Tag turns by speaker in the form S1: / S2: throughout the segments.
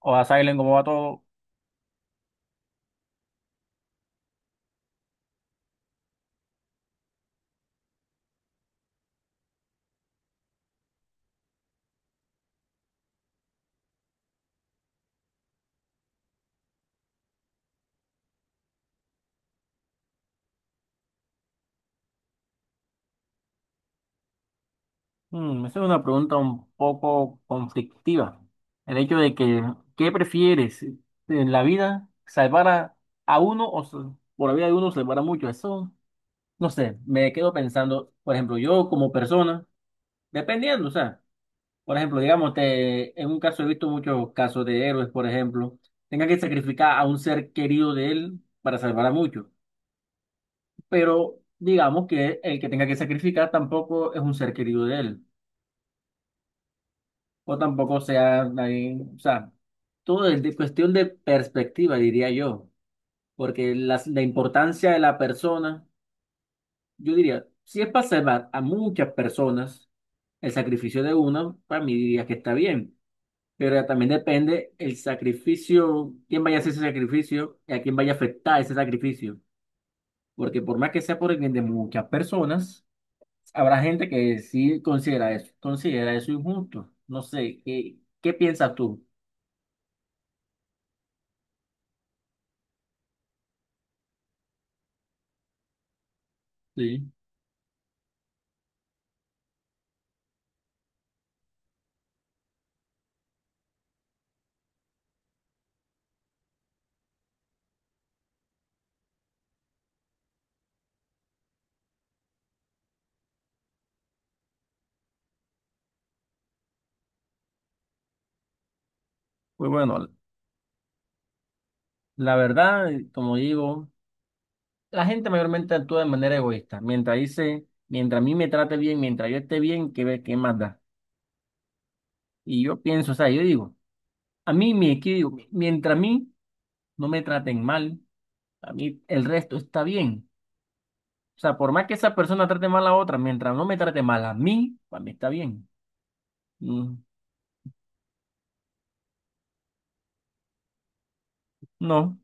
S1: O a Silent, ¿cómo va todo? Esa es una pregunta un poco conflictiva. El hecho de que, ¿qué prefieres en la vida? ¿Salvar a uno o por la vida de uno salvar a muchos? Eso, no sé, me quedo pensando, por ejemplo, yo como persona, dependiendo, o sea, por ejemplo, digamos, en un caso he visto muchos casos de héroes, por ejemplo, tengan que sacrificar a un ser querido de él para salvar a muchos, pero digamos que el que tenga que sacrificar tampoco es un ser querido de él. O tampoco sea ahí, o sea, todo es cuestión de perspectiva, diría yo, porque la importancia de la persona, yo diría, si es para salvar a muchas personas, el sacrificio de una, para mí diría que está bien, pero ya también depende el sacrificio, quién vaya a hacer ese sacrificio y a quién vaya a afectar ese sacrificio, porque por más que sea por el bien de muchas personas, habrá gente que sí considera eso injusto. No sé, ¿qué piensas tú? Sí. Pues bueno, la verdad, como digo, la gente mayormente actúa de manera egoísta. Mientras dice, mientras a mí me trate bien, mientras yo esté bien, ¿qué más da? Y yo pienso, o sea, yo digo, a mí me equivoco, mientras a mí no me traten mal, a mí el resto está bien. O sea, por más que esa persona trate mal a otra, mientras no me trate mal a mí, para mí está bien. Mm, No,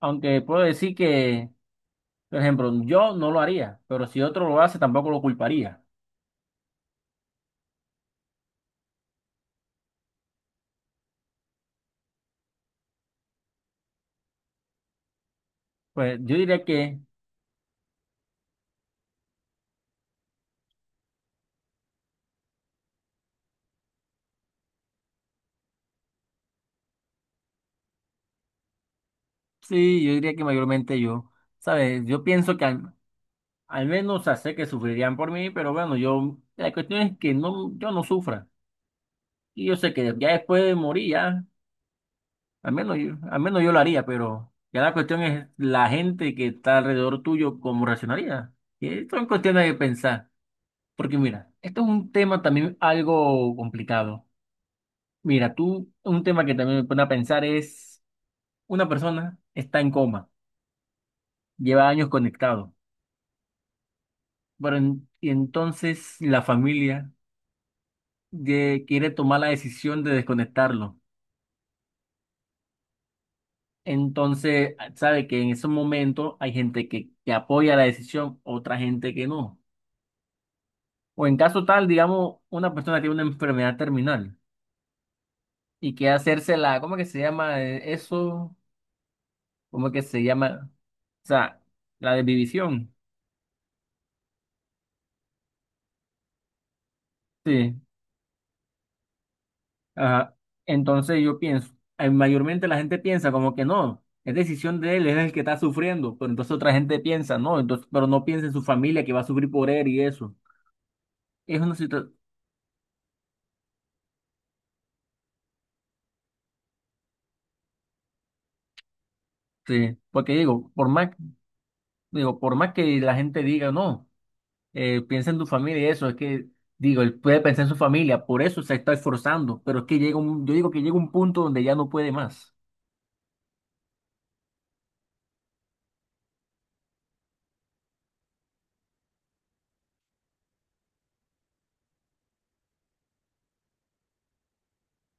S1: aunque puedo decir que, por ejemplo, yo no lo haría, pero si otro lo hace, tampoco lo culparía. Pues yo diría que Sí, yo diría que mayormente yo, ¿sabes? Yo pienso que al menos, o sea, sé que sufrirían por mí, pero bueno, yo, la cuestión es que no, yo no sufra. Y yo sé que ya después de morir, ya, al menos yo lo haría, pero ya la cuestión es la gente que está alrededor tuyo, cómo reaccionaría. Y esto es cuestión de pensar, porque mira, esto es un tema también algo complicado. Mira, tú, un tema que también me pone a pensar es, una persona está en coma, lleva años conectado. Pero y entonces la familia quiere tomar la decisión de desconectarlo. Entonces, sabe que en ese momento hay gente que apoya la decisión, otra gente que no. O en caso tal, digamos, una persona tiene una enfermedad terminal y quiere hacerse la, ¿cómo que se llama eso? ¿Cómo que se llama? O sea, la desvivisión. Sí. Ajá. Entonces yo pienso, mayormente la gente piensa como que no, es decisión de él, es el que está sufriendo, pero entonces otra gente piensa, no, entonces, pero no piensa en su familia que va a sufrir por él y eso. Es una situación, sí, porque digo, por más que la gente diga, no, piensa en tu familia y eso, es que, digo, él puede pensar en su familia, por eso se está esforzando, pero es que llega un, yo digo que llega un punto donde ya no puede más.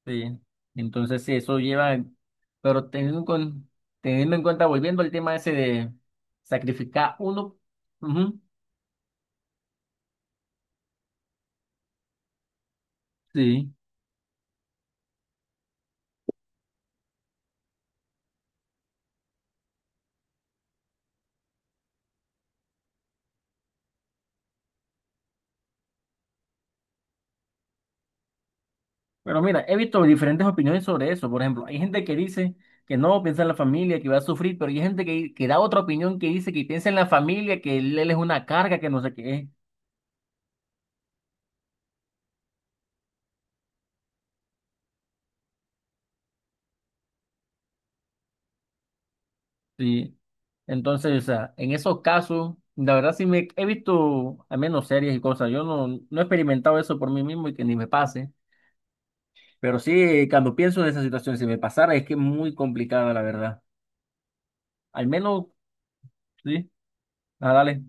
S1: Sí. Entonces, sí, eso lleva, pero teniendo, teniendo en cuenta, volviendo al tema ese de sacrificar uno, ujú, sí. Pero mira, he visto diferentes opiniones sobre eso. Por ejemplo, hay gente que dice que no piensa en la familia, que va a sufrir, pero hay gente que da otra opinión que dice que piensa en la familia, que él es una carga, que no sé qué es. Sí. Entonces, o sea, en esos casos, la verdad sí me he visto al menos series y cosas. Yo no he experimentado eso por mí mismo y que ni me pase. Pero sí, cuando pienso en esa situación, si me pasara, es que es muy complicada, la verdad. Al menos, sí, dale.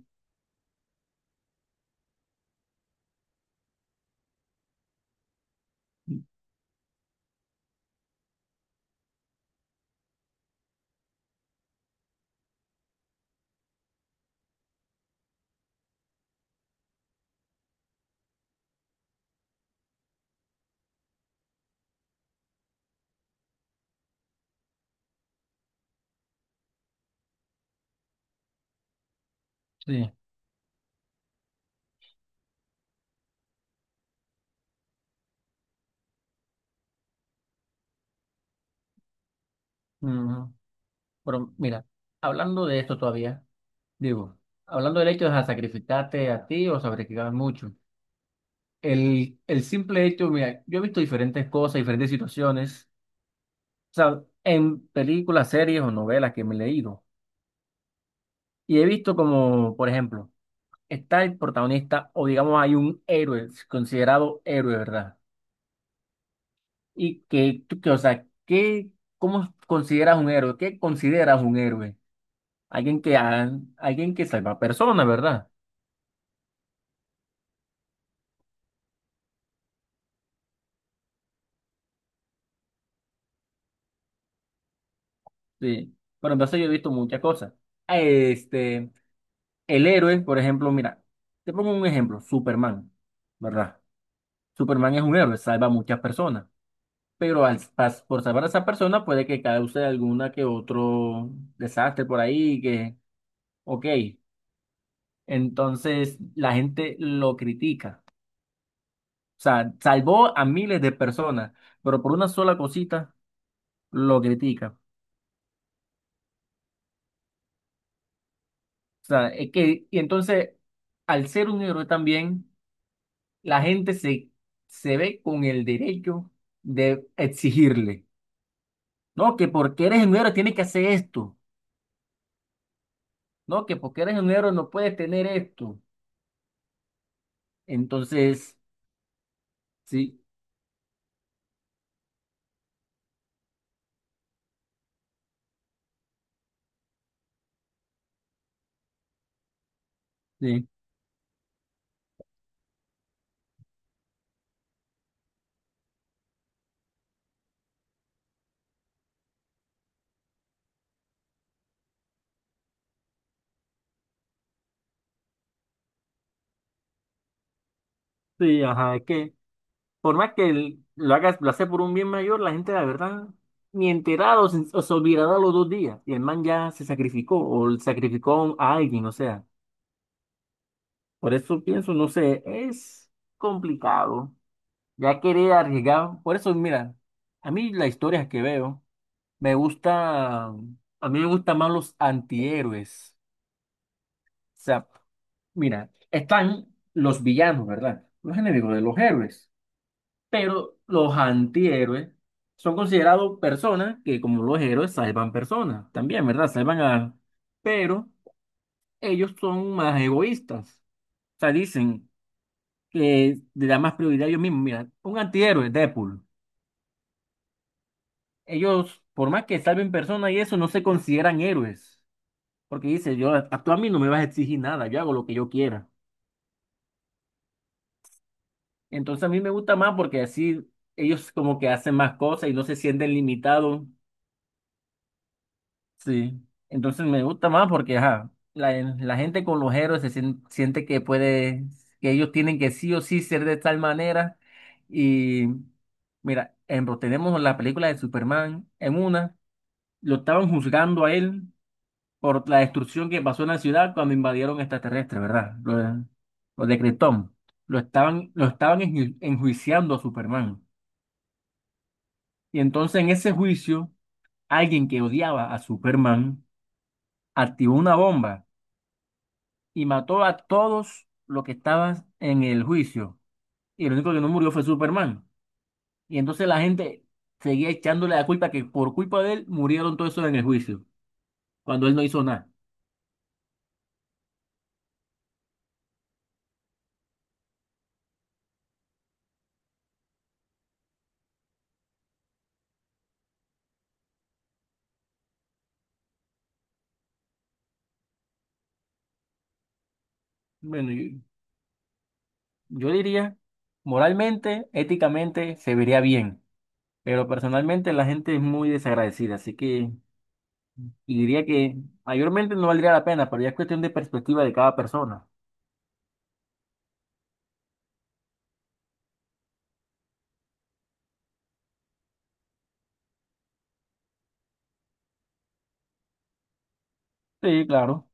S1: Sí. Ujú. Pero mira, hablando de esto todavía, digo, hablando del hecho de sacrificarte a ti o sacrificar mucho, el simple hecho, mira, yo he visto diferentes cosas, diferentes situaciones, o sea, en películas, series o novelas que me he leído, y he visto como, por ejemplo, está el protagonista o digamos hay un héroe, considerado héroe, ¿verdad? O sea, ¿Cómo consideras un héroe? ¿Qué consideras un héroe? Alguien que, ha- alguien que salva personas, ¿verdad? Sí. Pero entonces yo he visto muchas cosas. Este, el héroe, por ejemplo, mira, te pongo un ejemplo, Superman, ¿verdad? Superman es un héroe, salva a muchas personas, pero por salvar a esa persona puede que cause alguna que otro desastre por ahí, que, ok, entonces la gente lo critica. O sea, salvó a miles de personas, pero por una sola cosita lo critica. O sea, es que, y entonces, al ser un héroe también, la gente se ve con el derecho de exigirle, no, que porque eres un héroe tienes que hacer esto, no, que porque eres un héroe no puedes tener esto. Entonces, sí, sí, sí, ajá, es que por más que lo hagas, lo hace por un bien mayor, la gente, la verdad, ni enterado, o se olvidará los 2 días. Y el man ya se sacrificó, o sacrificó a alguien, o sea. Por eso pienso, no sé, es complicado. Ya querer arriesgar. Por eso, mira, a mí las historias que veo, a mí me gustan más los antihéroes. O sea, mira, están los villanos, ¿verdad? Los enemigos de los héroes. Pero los antihéroes son considerados personas que, como los héroes, salvan personas también, ¿verdad? Pero ellos son más egoístas. O sea, dicen que le da más prioridad a ellos mismos. Mira, un antihéroe, Deadpool. Ellos, por más que salven personas y eso, no se consideran héroes. Porque dice, yo, a tú a mí no me vas a exigir nada, yo hago lo que yo quiera. Entonces a mí me gusta más porque así ellos como que hacen más cosas y no se sienten limitados. Sí, entonces me gusta más porque ajá, la gente con los héroes siente que puede, que ellos tienen que sí o sí ser de tal manera. Y mira, ejemplo, tenemos la película de Superman en una, lo estaban juzgando a él por la destrucción que pasó en la ciudad cuando invadieron extraterrestres, ¿verdad? Lo de Krypton. Lo estaban enjuiciando a Superman. Y entonces en ese juicio, alguien que odiaba a Superman activó una bomba y mató a todos los que estaban en el juicio. Y el único que no murió fue Superman. Y entonces la gente seguía echándole la culpa que por culpa de él murieron todos esos en el juicio, cuando él no hizo nada. Bueno, yo diría, moralmente, éticamente, se vería bien, pero personalmente la gente es muy desagradecida, así que y diría que mayormente no valdría la pena, pero ya es cuestión de perspectiva de cada persona. Sí, claro.